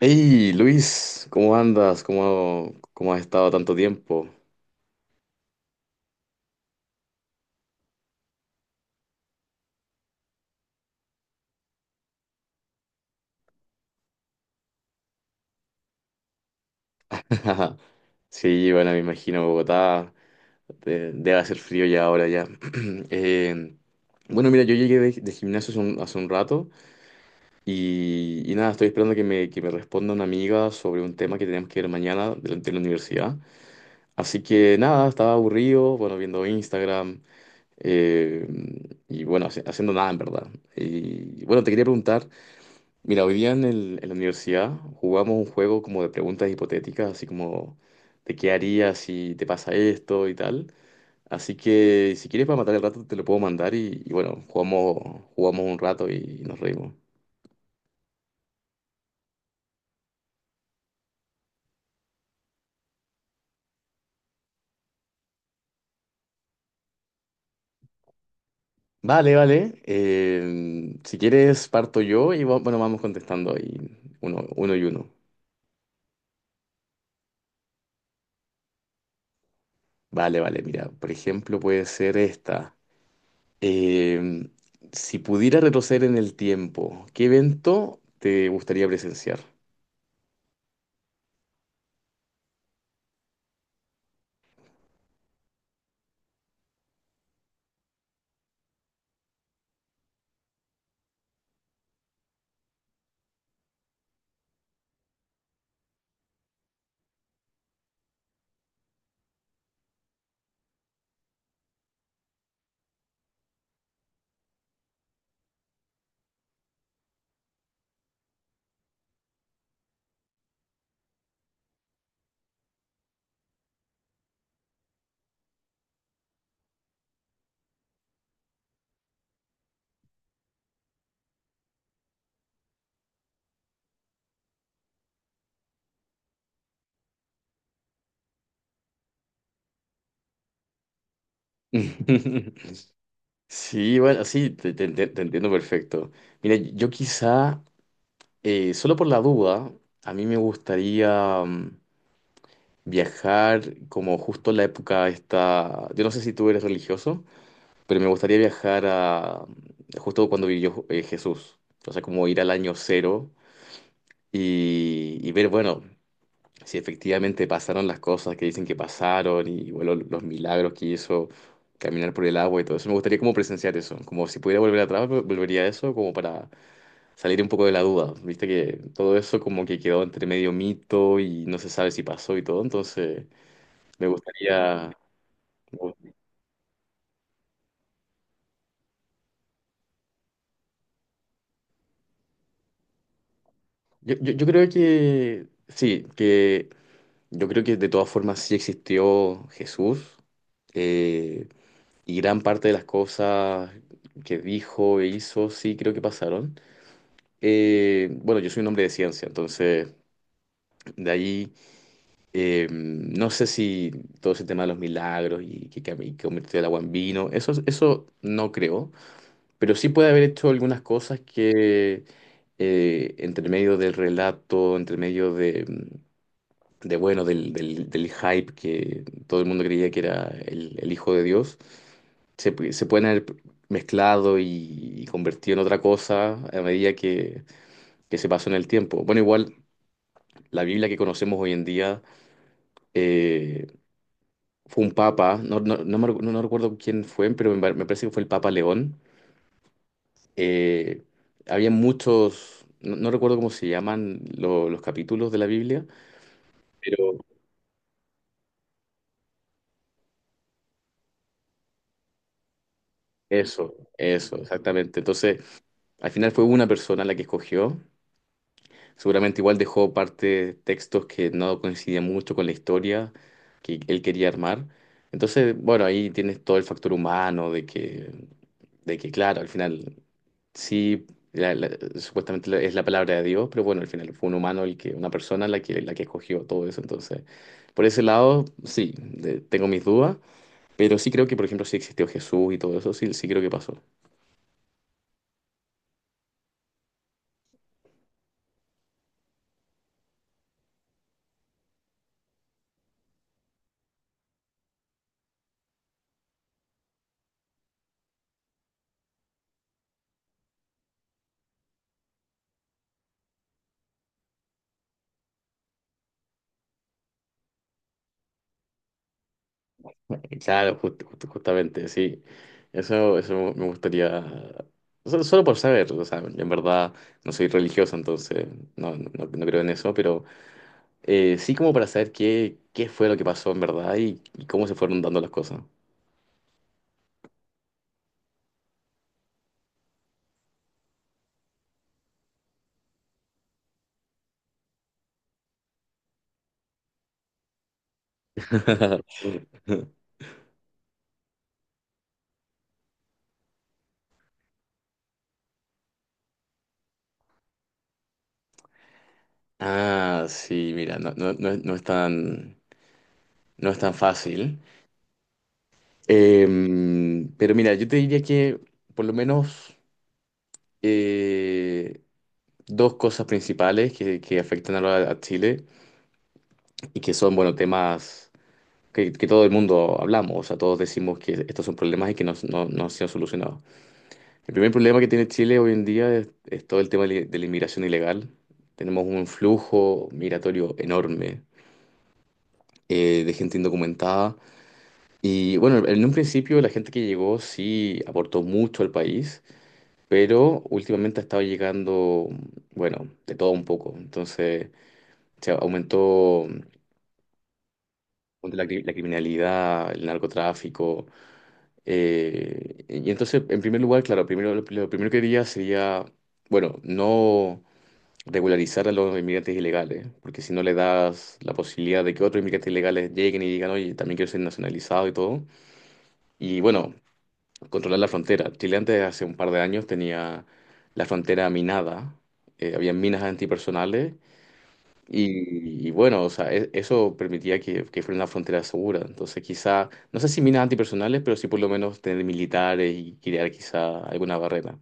Hey, Luis, ¿cómo andas? ¿Cómo has estado tanto tiempo? Sí, bueno, me imagino Bogotá, debe hacer frío ya ahora ya. Eh, bueno, mira, yo llegué de gimnasio hace un rato y nada, estoy esperando que que me responda una amiga sobre un tema que tenemos que ver mañana de la universidad. Así que nada, estaba aburrido, bueno, viendo Instagram eh, y bueno, haciendo nada en verdad. Y bueno, te quería preguntar. Mira, hoy día en la universidad jugamos un juego como de preguntas hipotéticas, así como de qué harías si te pasa esto y tal. Así que si quieres para matar el rato te lo puedo mandar y bueno, jugamos un rato y nos reímos. Vale, vale. Si quieres parto yo y bueno, vamos contestando ahí uno y uno. Vale, vale, mira, por ejemplo puede ser esta. Em, si pudiera retroceder en el tiempo, ¿qué evento te gustaría presenciar? Sí, bueno, sí, te entiendo perfecto. Mira, yo quizá, solo por la duda, a mí me gustaría viajar como justo en la época esta, yo no sé si tú eres religioso, pero me gustaría viajar a justo cuando vivió Jesús, o sea, como ir al año 0 y ver, bueno. Si efectivamente pasaron las cosas que dicen que pasaron y bueno, los milagros que hizo caminar por el agua y todo eso. Me gustaría como presenciar eso, como si pudiera volver atrás, volvería a eso como para salir un poco de la duda. Viste que todo eso como que quedó entre medio mito y no se sabe si pasó y todo, entonces me gustaría... Yo, yo creo que sí, que yo creo que de todas formas sí existió Jesús. Eh, Y gran parte de las cosas que dijo e hizo, sí, creo que pasaron. Bueno, yo soy un hombre de ciencia, entonces de ahí no sé si todo ese tema de los milagros y que y convirtió el agua en vino, eso no creo, pero sí puede haber hecho algunas cosas que entre medio del relato, entre medio de bueno, del hype que todo el mundo creía que era el hijo de Dios, se pueden haber mezclado y convertido en otra cosa a medida que se pasó en el tiempo. Bueno, igual la Biblia que conocemos hoy en día eh, fue un papa, no, no me no recuerdo quién fue, pero me parece que fue el Papa León. Eh, había muchos, no, no recuerdo cómo se llaman los capítulos de la Biblia, pero exactamente. Entonces... Al final fue una persona la que escogió. Seguramente igual dejó parte textos que no coincidían mucho con la historia que él quería armar. Entonces, bueno, ahí tienes todo el factor humano de que claro, al final sí, la- la- supuestamente es la palabra de Dios, pero bueno, al final fue un humano una persona la que escogió todo eso. Entonces, por ese lado, sí, tengo mis dudas, pero sí creo que, por ejemplo, sí existió Jesús y todo eso, sí, sí creo que pasó. Claro, justamente, sí. Eso me gustaría, solo por saber, o sea, en verdad no soy religioso, entonces no creo en eso, pero sí como para saber qué, qué fue lo que pasó en verdad y cómo se fueron dando las cosas. Ah, sí, mira, no no es tan, no es tan fácil. Pero mira, yo te diría que por lo menos eh, dos cosas principales que afectan a, a Chile. Y que son, bueno, temas que todo el mundo hablamos, o sea, todos decimos que estos son problemas y que no han sido solucionados. El primer problema que tiene Chile hoy en día es todo el tema de la inmigración ilegal. Tenemos un flujo migratorio enorme de gente indocumentada. Y bueno, en un principio la gente que llegó sí aportó mucho al país, pero últimamente ha estado llegando, bueno, de todo un poco. Entonces, se aumentó la criminalidad, el narcotráfico. Y entonces, en primer lugar, claro, primero, lo primero que diría sería, bueno, no regularizar a los inmigrantes ilegales, porque si no le das la posibilidad de que otros inmigrantes ilegales lleguen y digan, oye, también quiero ser nacionalizado y todo. Y bueno, controlar la frontera. Chile antes, hace un par de años, tenía la frontera minada, había minas antipersonales y bueno, o sea, eso permitía que fuera una frontera segura. Entonces, quizá, no sé si minas antipersonales, pero sí por lo menos tener militares y crear quizá alguna barrera.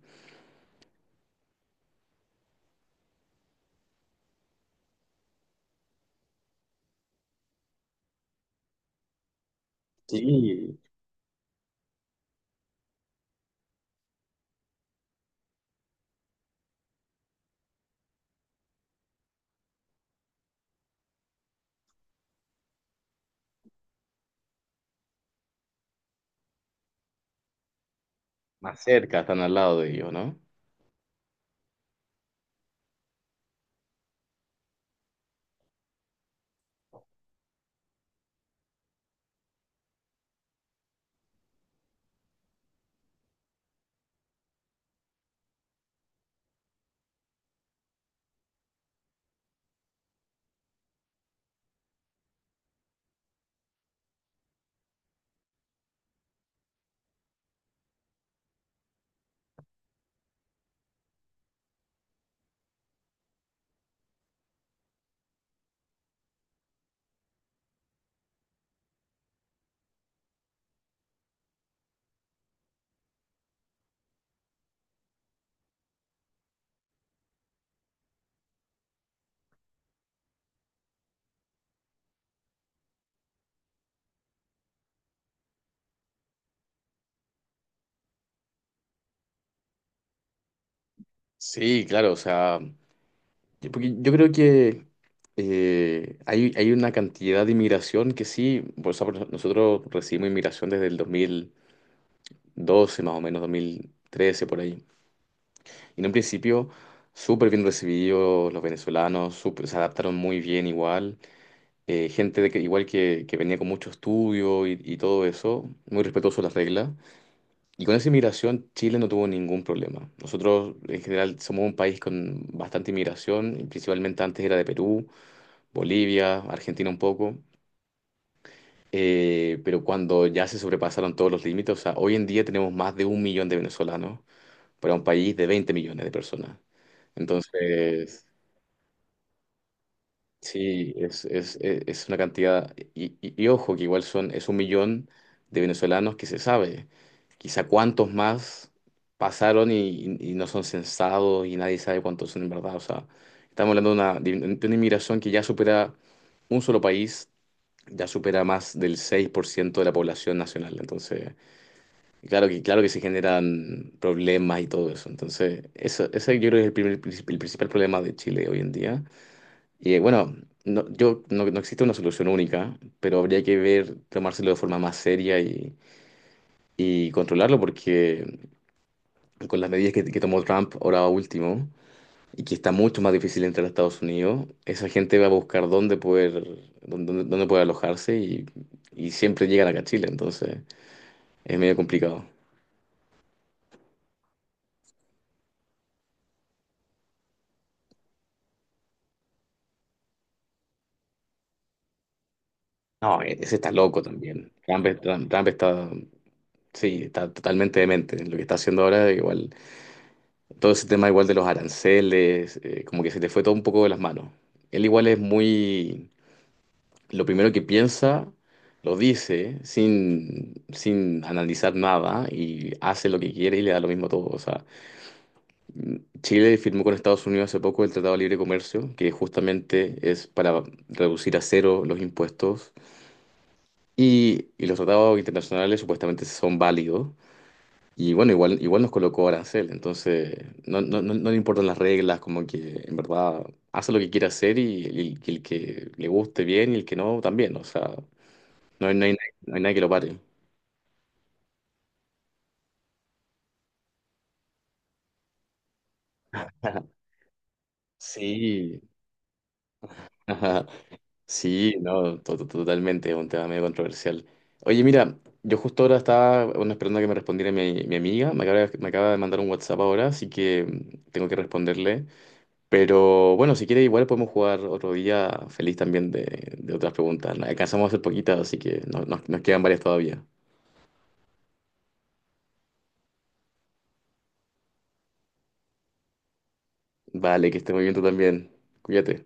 Sí, más cerca, están al lado de ellos, ¿no? Sí, claro, o sea, yo, porque yo creo que hay una cantidad de inmigración que sí, por nosotros recibimos inmigración desde el 2012 más o menos, 2013 por ahí. En un principio, súper bien recibidos los venezolanos, se adaptaron muy bien igual. Gente de que, igual que venía con mucho estudio y todo eso, muy respetuoso de las reglas. Y con esa inmigración, Chile no tuvo ningún problema. Nosotros, en general, somos un país con bastante inmigración, y principalmente antes era de Perú, Bolivia, Argentina un poco. Pero cuando ya se sobrepasaron todos los límites, o sea, hoy en día tenemos más de 1.000.000 de venezolanos para un país de 20.000.000 de personas. Entonces, sí, es una cantidad, y, y ojo, que igual es 1.000.000 de venezolanos que se sabe. Quizá cuántos más pasaron y, y no son censados y nadie sabe cuántos son en verdad. O sea, estamos hablando de de una inmigración que ya supera un solo país, ya supera más del 6% de la población nacional. Entonces, claro que se generan problemas y todo eso. Entonces, eso, ese yo creo que es el el principal problema de Chile hoy en día y bueno, no, yo, no existe una solución única, pero habría que ver, tomárselo de forma más seria y controlarlo, porque con las medidas que tomó Trump ahora último, y que está mucho más difícil entrar a Estados Unidos, esa gente va a buscar dónde poder, dónde poder alojarse y siempre llegan acá a Chile, entonces es medio complicado. No, ese está loco también. Trump está, sí, está totalmente demente. Lo que está haciendo ahora igual. Todo ese tema igual de los aranceles, como que se le fue todo un poco de las manos. Él igual es muy, lo primero que piensa, lo dice sin analizar nada y hace lo que quiere y le da lo mismo a todo. O sea, Chile firmó con Estados Unidos hace poco el Tratado de Libre Comercio, que justamente es para reducir a cero los impuestos y los tratados internacionales supuestamente son válidos. Y bueno, igual, igual nos colocó arancel, entonces no le importan las reglas, como que en verdad hace lo que quiere hacer y, el que le guste bien y el que no también, o sea, no hay nadie no hay nadie que lo pare. Sí, ajá, sí, no, totalmente, es un tema medio controversial. Oye, mira, yo justo ahora estaba bueno, esperando a que me respondiera mi amiga, me me acaba de mandar un WhatsApp ahora, así que tengo que responderle. Pero bueno, si quieres, igual podemos jugar otro día feliz también de otras preguntas. Las alcanzamos a hacer poquitas, así que nos quedan varias todavía. Vale, que esté muy bien tú también. Cuídate.